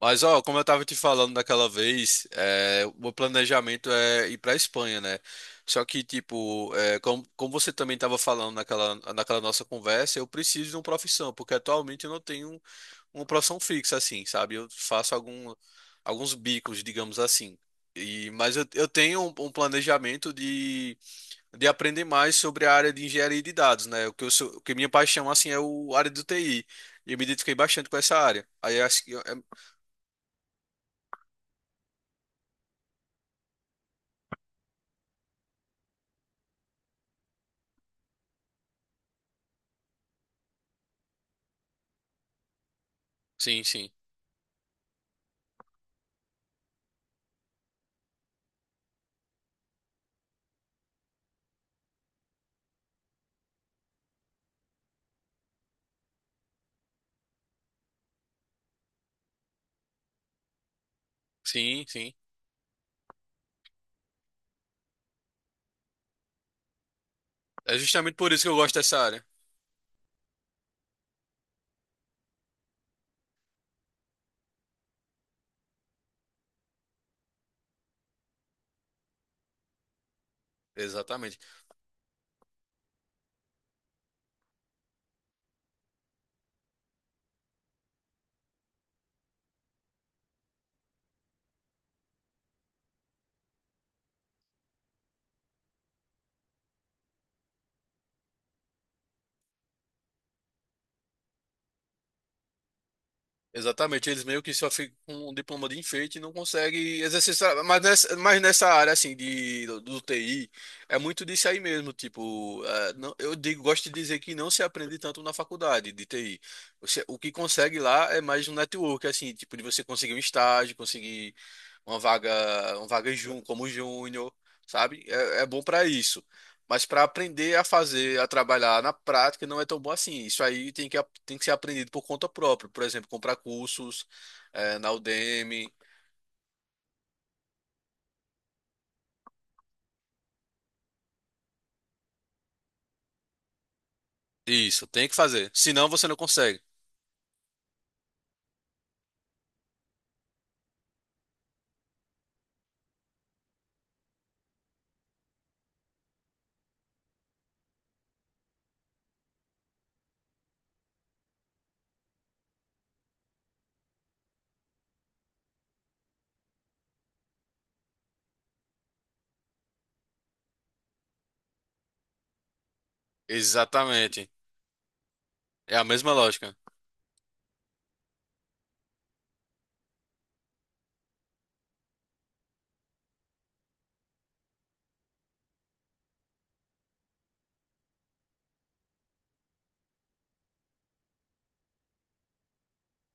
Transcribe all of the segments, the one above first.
Mas, ó, como eu tava te falando daquela vez, o meu planejamento é ir pra Espanha, né? Só que, tipo, como, você também tava falando naquela nossa conversa, eu preciso de uma profissão, porque atualmente eu não tenho uma profissão fixa, assim, sabe? Alguns bicos, digamos assim. Mas eu tenho um planejamento de aprender mais sobre a área de engenharia de dados, né? O que minha paixão, assim, é o a área do TI. E eu me identifiquei bastante com essa área. Aí acho que... eu- é- Sim, sim. Sim, sim. É justamente por isso que eu gosto dessa área. Exatamente. Exatamente. Eles meio que só ficam com um diploma de enfeite e não conseguem exercer. Mas nessa área, assim, do TI, é muito disso aí mesmo. Tipo, eu digo, gosto de dizer que não se aprende tanto na faculdade de TI. Você, o que consegue lá é mais um network, assim, tipo, de você conseguir um estágio, conseguir uma vaga, como júnior, sabe? É, é bom para isso. Mas para aprender a fazer, a trabalhar na prática, não é tão bom assim. Isso aí tem que ser aprendido por conta própria. Por exemplo, comprar cursos, na Udemy. Isso, tem que fazer. Senão você não consegue. Exatamente. É a mesma lógica.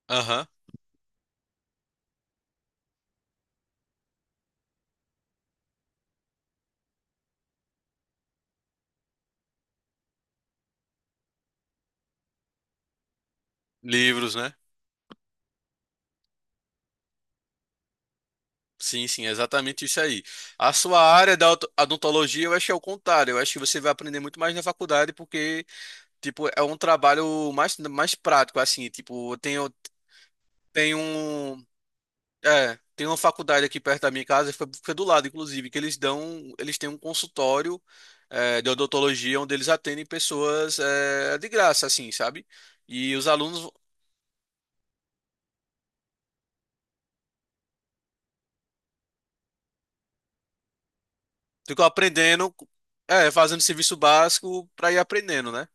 Aham. Livros, né? Sim, sim, é exatamente isso aí. A sua área da odontologia, eu acho que é o contrário. Eu acho que você vai aprender muito mais na faculdade, porque tipo, é um trabalho mais prático, assim. Tipo, tenho um. É, tem uma faculdade aqui perto da minha casa, foi do lado, inclusive, que eles dão. Eles têm um consultório de odontologia onde eles atendem pessoas de graça, assim, sabe? E os alunos ficam aprendendo, é, fazendo serviço básico para ir aprendendo, né?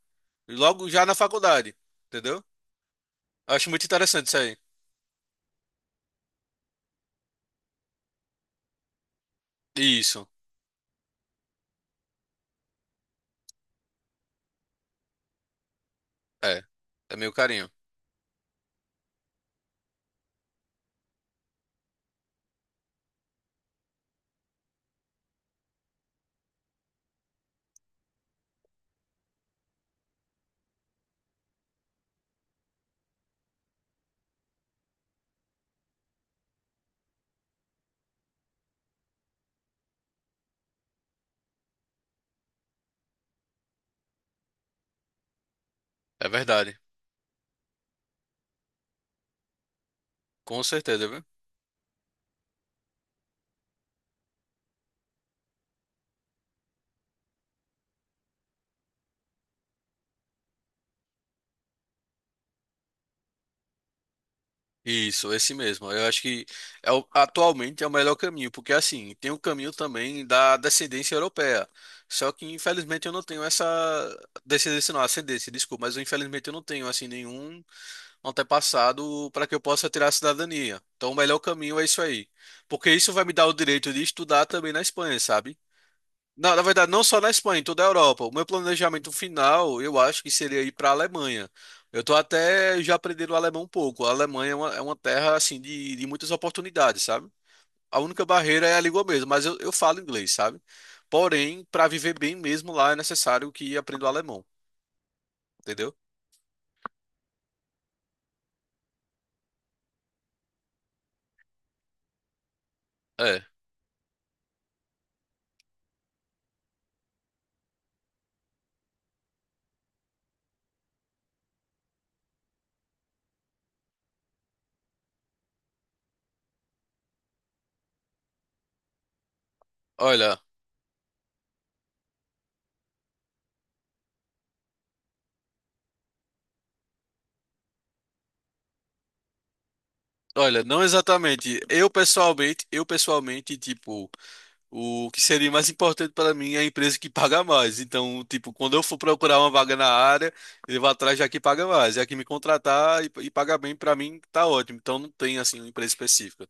E logo já na faculdade, entendeu? Eu acho muito interessante isso aí. Isso, é. É meio carinho. É verdade. Com certeza, viu? Isso, esse mesmo. Eu acho que atualmente é o melhor caminho, porque assim, tem o caminho também da descendência europeia. Só que infelizmente eu não tenho essa descendência, não, ascendência, desculpa, mas infelizmente eu não tenho assim nenhum antepassado para que eu possa tirar a cidadania. Então o melhor caminho é isso aí, porque isso vai me dar o direito de estudar também na Espanha, sabe? Na verdade, não só na Espanha, em toda a Europa. O meu planejamento final, eu acho que seria ir para a Alemanha. Eu tô até já aprendendo o alemão um pouco. A Alemanha é uma terra, assim, de muitas oportunidades, sabe? A única barreira é a língua mesmo, mas eu falo inglês, sabe? Porém, para viver bem mesmo lá é necessário que aprenda o alemão, entendeu? É. Olha, não exatamente. Eu pessoalmente, tipo, o que seria mais importante para mim é a empresa que paga mais. Então, tipo, quando eu for procurar uma vaga na área, ele vai atrás da que paga mais. É a que me contratar e pagar bem para mim, tá ótimo. Então, não tem assim uma empresa específica.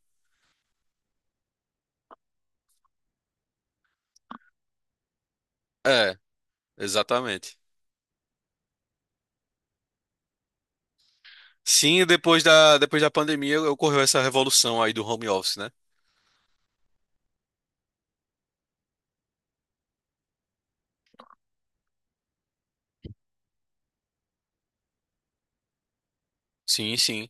É, exatamente. Sim, depois da pandemia ocorreu essa revolução aí do home office, né? Sim, sim.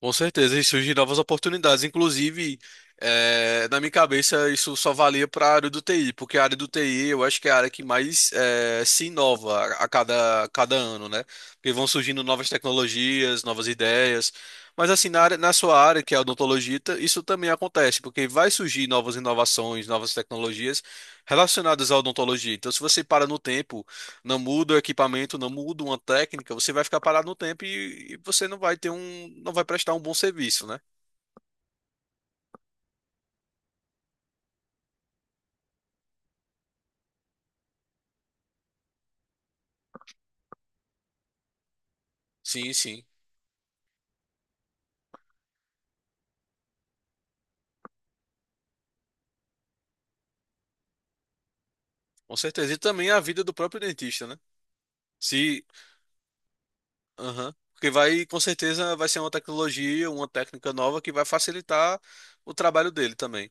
Com certeza, e surgem novas oportunidades. Inclusive, na minha cabeça, isso só valia para a área do TI, porque a área do TI eu acho que é a área que mais se inova a cada ano, né? Porque vão surgindo novas tecnologias, novas ideias. Mas assim, na sua área, que é a odontologia, isso também acontece, porque vai surgir novas inovações, novas tecnologias relacionadas à odontologia. Então, se você para no tempo não muda o equipamento, não muda uma técnica, você vai ficar parado no tempo e você não vai ter não vai prestar um bom serviço, né? Sim, sim, com certeza. E também a vida do próprio dentista, né? Se, aham, porque vai, com certeza, vai ser uma tecnologia, uma técnica nova que vai facilitar o trabalho dele também.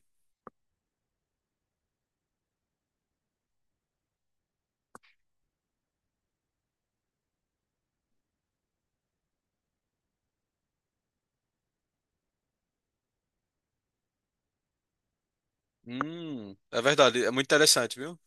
É verdade, é muito interessante, viu?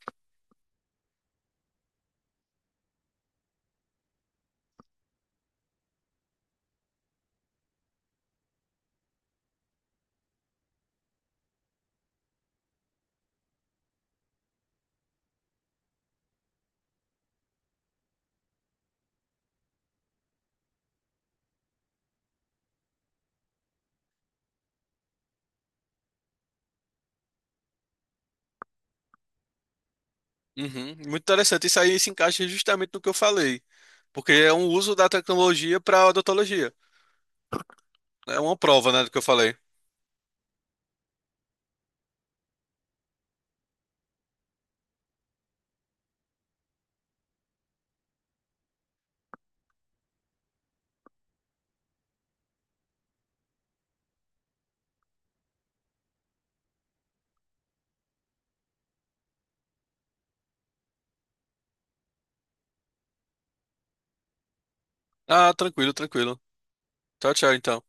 Uhum, muito interessante. Isso aí se encaixa justamente no que eu falei, porque é um uso da tecnologia para odontologia. É uma prova, né, do que eu falei. Ah, tranquilo, tranquilo. Tchau, tchau, então.